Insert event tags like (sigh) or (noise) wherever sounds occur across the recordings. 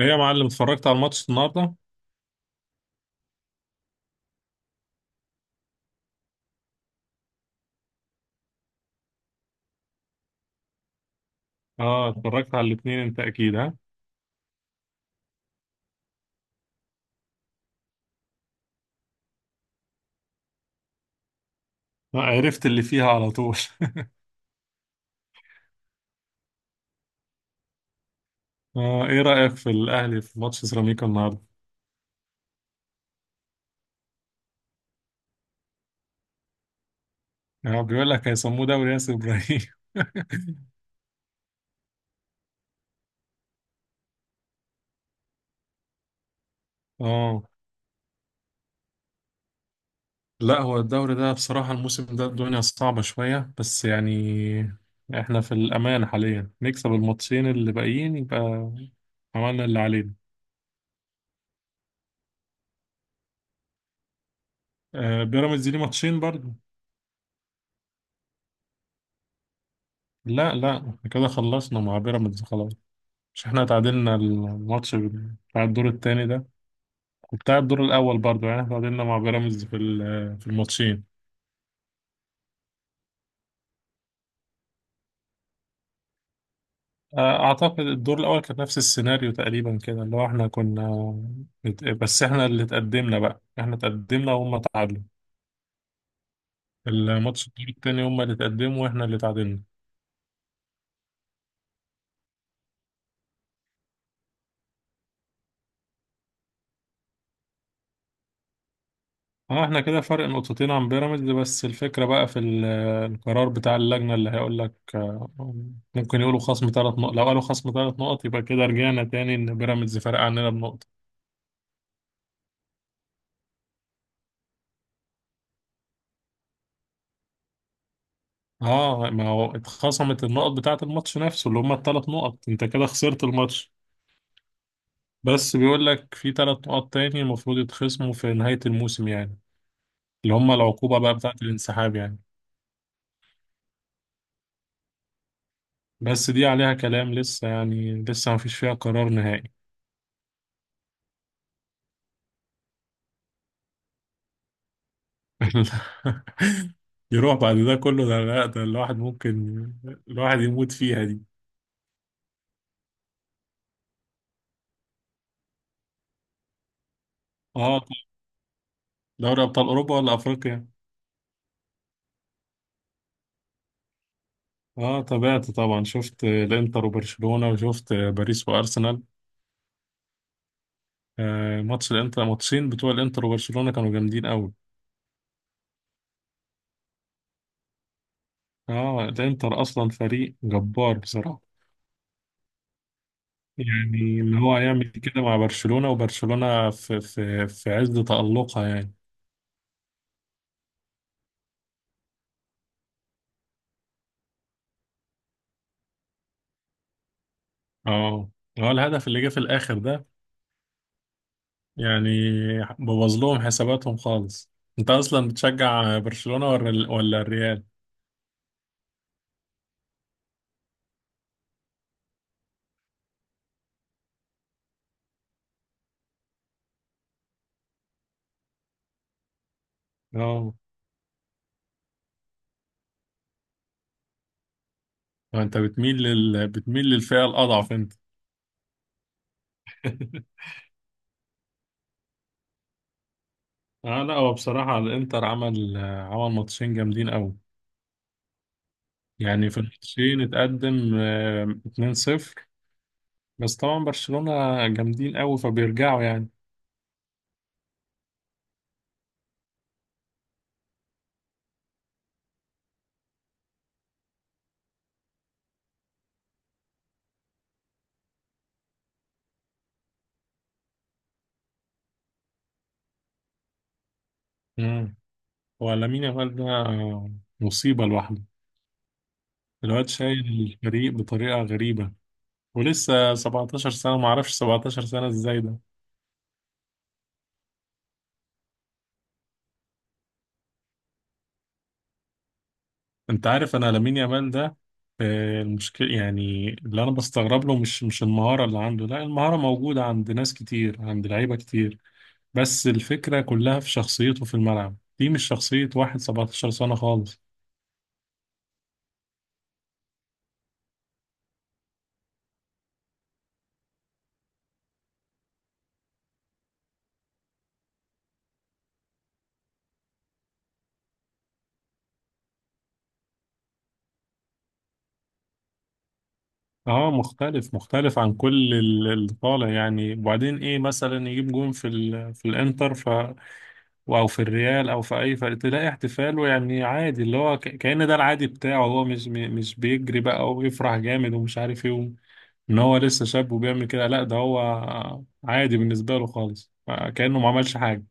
ايه يا معلم اتفرجت على الماتش النهارده. اه اتفرجت على الاثنين، انت اكيد ها. عرفت اللي فيها على طول. (laughs) اه، ايه رأيك في الاهلي في ماتش سيراميكا النهارده؟ اه، بيقول لك هيسموه دوري ياسر ابراهيم. (laughs) اه. لا، هو الدوري ده بصراحة الموسم ده الدنيا صعبة شوية بس يعني احنا في الامان حاليا، نكسب الماتشين اللي باقيين يبقى عملنا اللي علينا. آه بيراميدز ليه ماتشين برضه. لا لا، احنا كده خلصنا مع بيراميدز خلاص. مش احنا تعادلنا الماتش بتاع الدور التاني ده؟ كنت قاعد الدور الأول برضو، يعني احنا تعادلنا مع بيراميدز في الماتشين. أعتقد الدور الأول كان نفس السيناريو تقريبا كده، اللي هو احنا كنا بس احنا اللي تقدمنا، بقى احنا تقدمنا وهم تعادلوا. الماتش الدور التاني هم اللي تقدموا واحنا اللي تعادلنا. اه احنا كده فرق نقطتين عن بيراميدز، بس الفكرة بقى القرار بتاع اللجنة اللي هيقول لك ممكن يقولوا خصم ثلاث نقط. لو قالوا خصم ثلاث نقط يبقى كده رجعنا تاني ان بيراميدز فرق عننا بنقطة. اه، ما هو اتخصمت النقط بتاعة الماتش نفسه اللي هما الثلاث نقط، انت كده خسرت الماتش. بس بيقول لك في ثلاث نقط تاني المفروض يتخصموا في نهاية الموسم، يعني اللي هما العقوبة بقى بتاعة الانسحاب يعني. بس دي عليها كلام لسه، يعني لسه ما فيش فيها قرار نهائي. (laughs) يروح بعد ده كله؟ ده لا، ده الواحد ممكن الواحد يموت فيها دي. اه طب، دوري ابطال اوروبا ولا افريقيا؟ اه تابعت طبعا، شفت الانتر وبرشلونة وشفت باريس وارسنال. ماتش الانتر، ماتشين بتوع الانتر وبرشلونة كانوا جامدين قوي. اه الانتر اصلا فريق جبار بصراحة. يعني ان هو هيعمل كده مع برشلونة، وبرشلونة في عز تألقها يعني. اه هو الهدف اللي جه في الاخر ده يعني بوظ لهم حساباتهم خالص. انت اصلا بتشجع برشلونة ولا الريال؟ اه، انت بتميل بتميل للفئة الاضعف انت. (laughs) اه لا، هو بصراحة الانتر عمل ماتشين جامدين قوي. يعني في الماتشين اتقدم 2-0، بس طبعا برشلونة جامدين قوي فبيرجعوا يعني. امم ولامين يامال ده مصيبة لوحده. الواد شايل الفريق بطريقة غريبة، ولسه 17 سنة، معرفش 17 سنة ازاي ده. انت عارف انا لامين يامال ده، المشكلة يعني اللي انا بستغرب له مش المهارة اللي عنده، لا المهارة موجودة عند ناس كتير، عند لعيبة كتير. بس الفكرة كلها في شخصيته في الملعب، دي مش شخصية واحد 17 سنة خالص. اه مختلف عن كل اللي طالع يعني. وبعدين ايه، مثلا يجيب جون في الانتر ف او في الريال او في اي فريق، تلاقي احتفاله يعني عادي، اللي هو كأن ده العادي بتاعه. هو مش مش بيجري بقى ويفرح جامد ومش عارف ايه ان هو لسه شاب وبيعمل كده، لا ده هو عادي بالنسبة له خالص، كأنه ما عملش حاجة.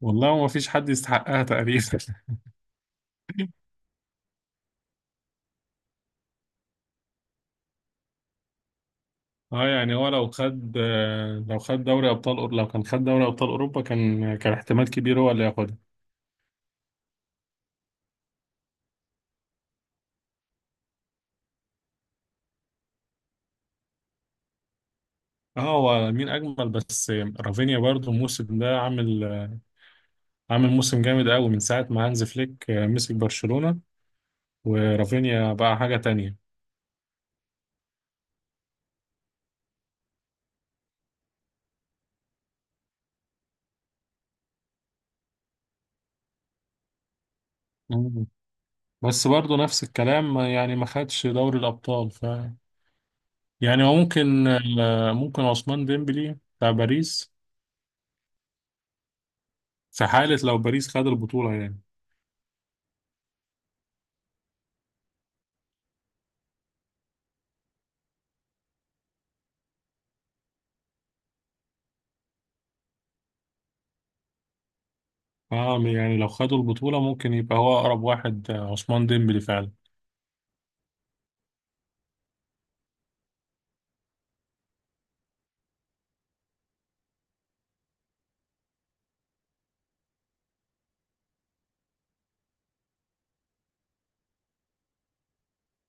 والله ما فيش حد يستحقها تقريبا. (laughs) اه، يعني هو لو خد، لو خد دوري ابطال، لو كان خد دوري ابطال اوروبا كان احتمال كبير هو اللي ياخدها. اه، هو مين اجمل بس، رافينيا برضو الموسم ده عامل موسم جامد قوي من ساعه ما هانز فليك مسك برشلونه، ورافينيا بقى حاجه تانية. مم. بس برضو نفس الكلام، يعني ما خدش دوري الابطال، ف يعني هو ممكن، ممكن عثمان ديمبلي بتاع باريس في حاله لو باريس خد البطوله يعني. اه يعني لو خدوا البطوله ممكن يبقى هو اقرب واحد عثمان ديمبلي فعلا.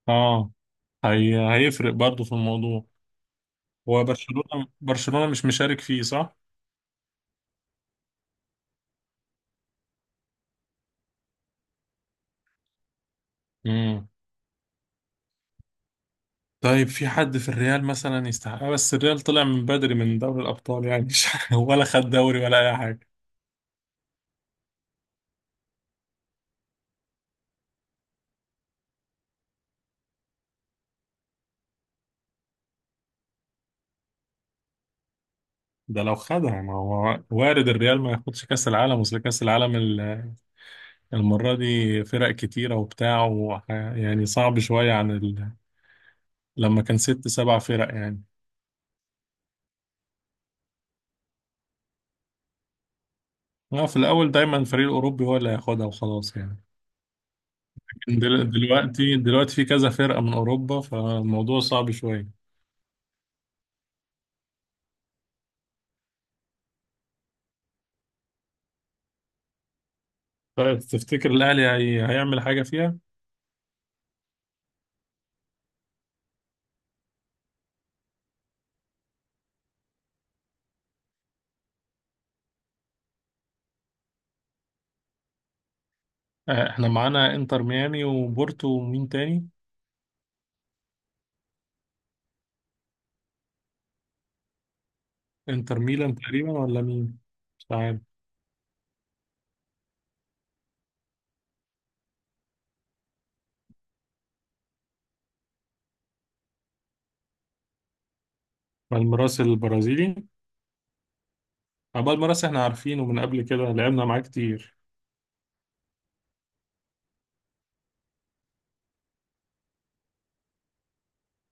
اه هيفرق برضو في الموضوع. هو برشلونه مش مشارك فيه صح؟ مم. طيب في حد في الريال مثلا يستحقها؟ بس الريال طلع من بدري من دوري الأبطال، يعني مش (laughs) ولا خد دوري ولا أي حاجة. ده لو خدها، ما هو وارد الريال ما ياخدش كأس العالم. أصل كأس العالم المرة دي فرق كتيرة وبتاع يعني صعب شوية عن لما كان ست سبع فرق يعني. في الأول دايما الفريق الأوروبي هو اللي هياخدها وخلاص يعني. دلوقتي في كذا فرقة من أوروبا فالموضوع صعب شوية. طيب تفتكر الأهلي هيعمل حاجة فيها؟ احنا معانا انتر ميامي وبورتو ومين تاني؟ انتر ميلان تقريبا ولا مين، مش عارف. بالميراس البرازيلي. بالميراس احنا عارفينه من قبل كده، لعبنا معاه كتير.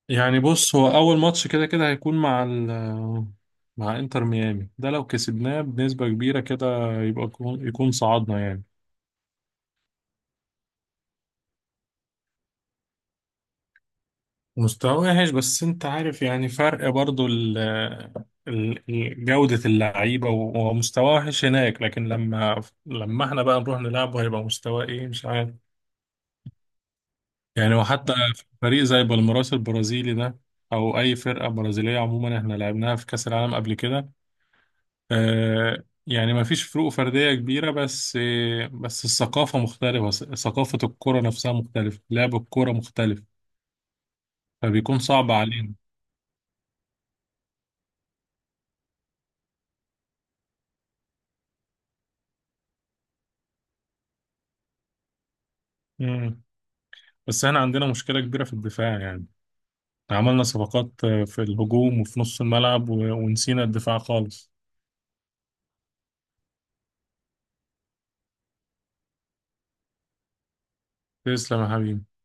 يعني بص، هو اول ماتش كده كده هيكون مع ال مع انتر ميامي ده، لو كسبناه بنسبة كبيرة كده يبقى يكون صعدنا يعني. مستواه وحش، بس انت عارف يعني فرق برضو جودة اللعيبة. ومستواه وحش هناك، لكن لما احنا بقى نروح نلعبه هيبقى مستواه ايه مش عارف. يعني وحتى في فريق زي بالميراس البرازيلي ده، او اي فرقة برازيلية عموما، احنا لعبناها في كأس العالم قبل كده. آه يعني ما فيش فروق فردية كبيرة، بس آه بس الثقافة مختلفة، ثقافة الكرة نفسها مختلفة، لعب الكرة مختلف، فبيكون صعب علينا. مم. بس احنا عندنا مشكلة كبيرة في الدفاع يعني، عملنا صفقات في الهجوم وفي نص الملعب ونسينا الدفاع خالص. تسلم يا حبيبي.